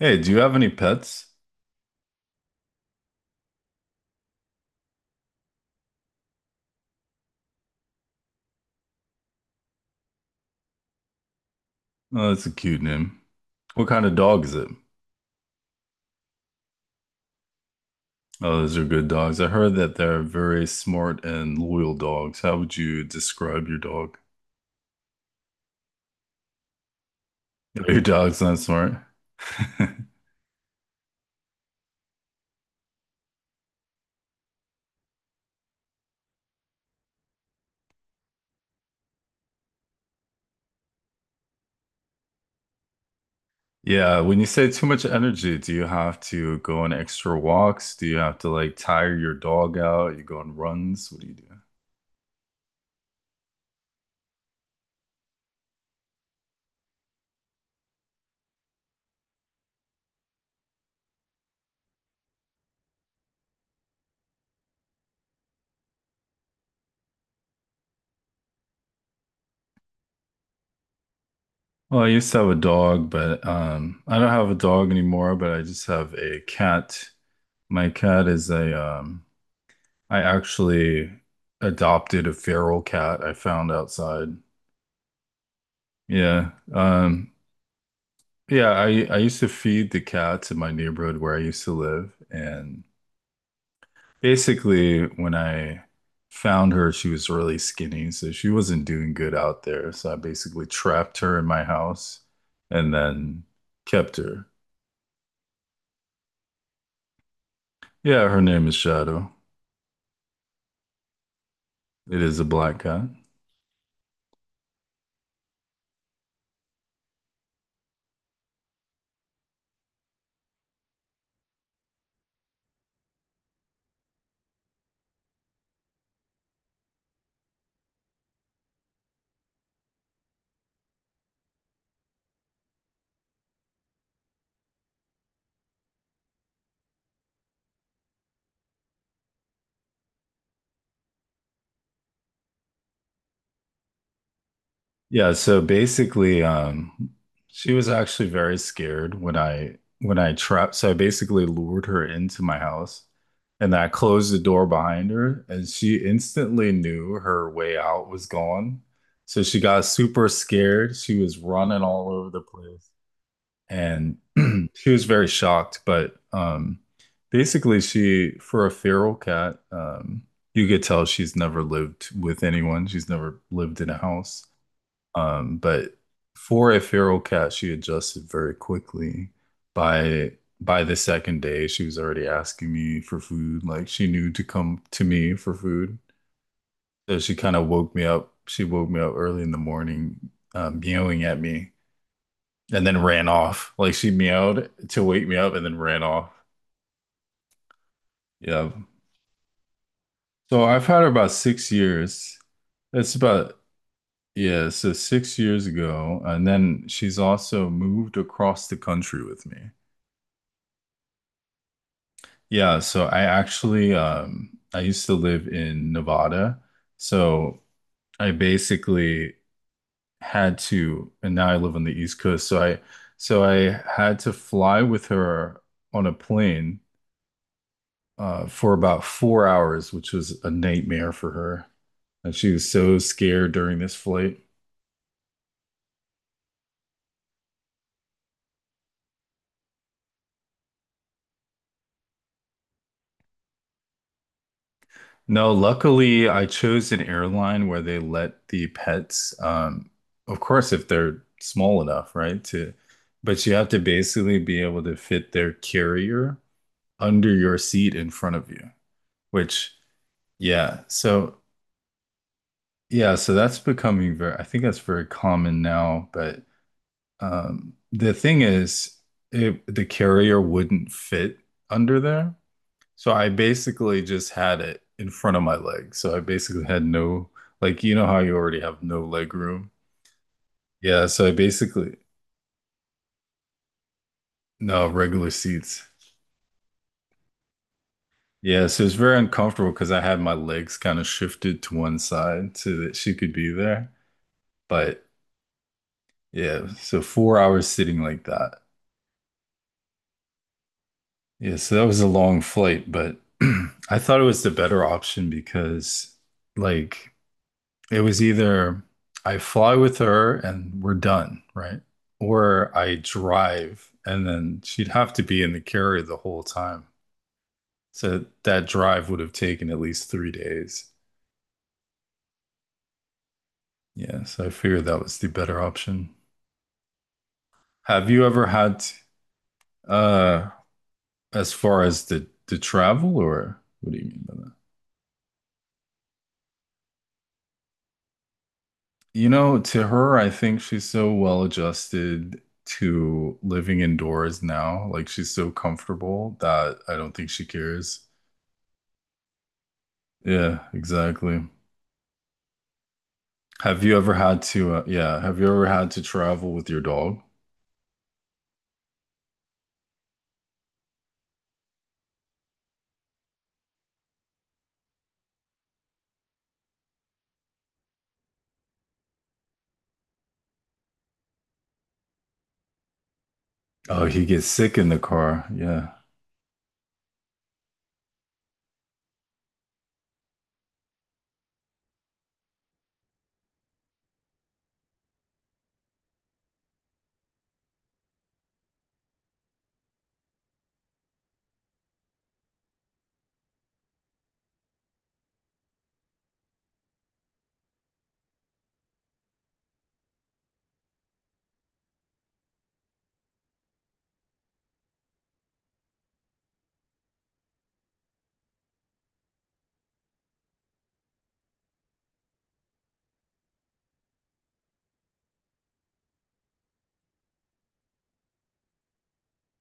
Hey, do you have any pets? Oh, that's a cute name. What kind of dog is it? Oh, those are good dogs. I heard that they're very smart and loyal dogs. How would you describe your dog? Your dog's not smart. Yeah, when you say too much energy, do you have to go on extra walks? Do you have to like tire your dog out? You go on runs? What do you do? Well, I used to have a dog, but I don't have a dog anymore, but I just have a cat. My cat is a I actually adopted a feral cat I found outside. Yeah. Yeah, I used to feed the cats in my neighborhood where I used to live. And basically, when I found her, she was really skinny. So she wasn't doing good out there. So I basically trapped her in my house and then kept her. Yeah, her name is Shadow. It is a black guy. Yeah, so basically, she was actually very scared when I trapped. So I basically lured her into my house, and I closed the door behind her, and she instantly knew her way out was gone. So she got super scared. She was running all over the place, and she was very shocked. But basically, she for a feral cat, you could tell she's never lived with anyone. She's never lived in a house. But for a feral cat, she adjusted very quickly. By by the second day, she was already asking me for food. Like she knew to come to me for food. So she kind of woke me up. She woke me up early in the morning, meowing at me, and then ran off. Like she meowed to wake me up and then ran off. Yeah. So I've had her about 6 years. That's about yeah, so 6 years ago, and then she's also moved across the country with me. Yeah, so I actually I used to live in Nevada. So I basically had to and now I live on the East Coast. So I had to fly with her on a plane for about 4 hours, which was a nightmare for her. And she was so scared during this flight. No, luckily I chose an airline where they let the pets, of course, if they're small enough, right? To, but you have to basically be able to fit their carrier under your seat in front of you, which, yeah. So, yeah, so that's becoming very, I think that's very common now. But the thing is, it, the carrier wouldn't fit under there. So I basically just had it in front of my leg. So I basically had no, like, you know how you already have no leg room? Yeah. So I basically, no, regular seats. Yeah. So it's very uncomfortable because I had my legs kind of shifted to one side so that she could be there. But yeah. So 4 hours sitting like that. Yeah. So that was a long flight, but I thought it was the better option because, like, it was either I fly with her and we're done, right? Or I drive and then she'd have to be in the carrier the whole time. So that drive would have taken at least 3 days. Yeah, so I figured that was the better option. Have you ever had uh as far as the travel or what do you mean by that? You know, to her, I think she's so well adjusted to living indoors now. Like she's so comfortable that I don't think she cares. Yeah, exactly. Have you ever had to, yeah, have you ever had to travel with your dog? Oh, he gets sick in the car. Yeah.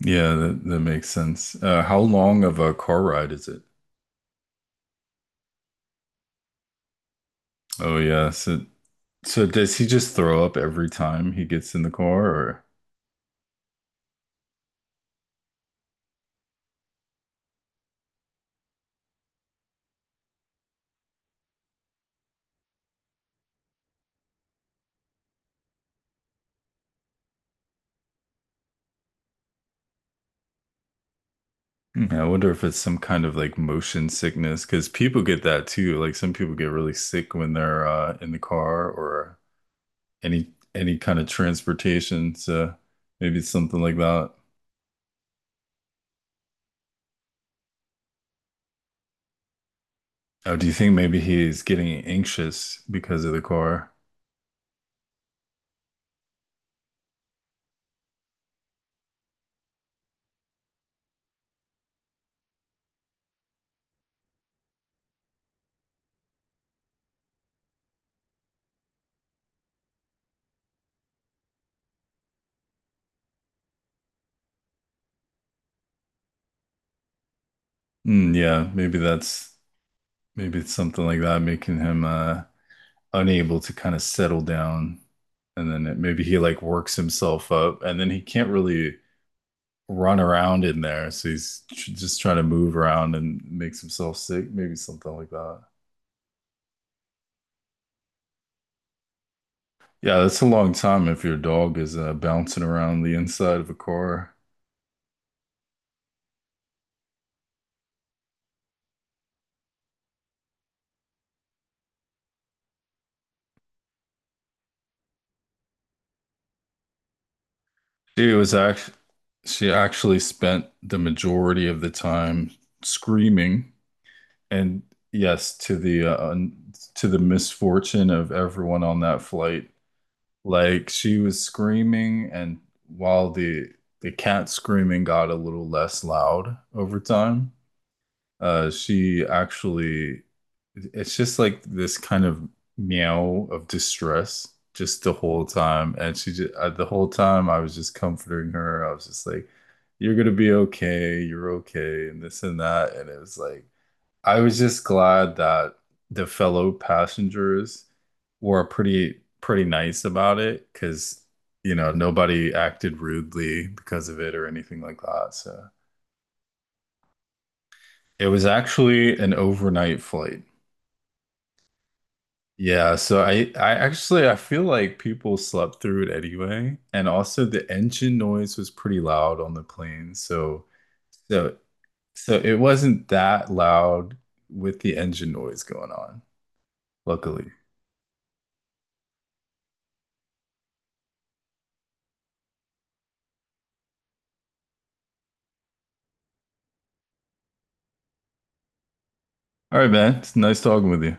Yeah, that makes sense. How long of a car ride is it? Oh, yeah. So, so does he just throw up every time he gets in the car or? Hmm, yeah, I wonder if it's some kind of like motion sickness because people get that too. Like some people get really sick when they're in the car or any any kind of transportation. So maybe it's something like that. Oh, do you think maybe he's getting anxious because of the core? Mm, yeah, maybe it's something like that making him unable to kind of settle down. And then maybe he like works himself up and then he can't really run around in there. So he's tr just trying to move around and makes himself sick, maybe something like that. Yeah, that's a long time if your dog is bouncing around the inside of a core. Dude, it was act She actually spent the majority of the time screaming, and yes, to the to the misfortune of everyone on that flight. Like she was screaming, and while the cat screaming got a little less loud over time, uh, she actually, it's just like this kind of meow of distress just the whole time. And she just, the whole time I was just comforting her. I was just like, you're gonna be okay, you're okay, and this and that. And it was like, I was just glad that the fellow passengers were pretty nice about it because, you know, nobody acted rudely because of it or anything like that. So it was actually an overnight flight. Yeah, so I actually I feel like people slept through it anyway, and also the engine noise was pretty loud on the plane, so so it wasn't that loud with the engine noise going on, luckily. All right, man, it's nice talking with you.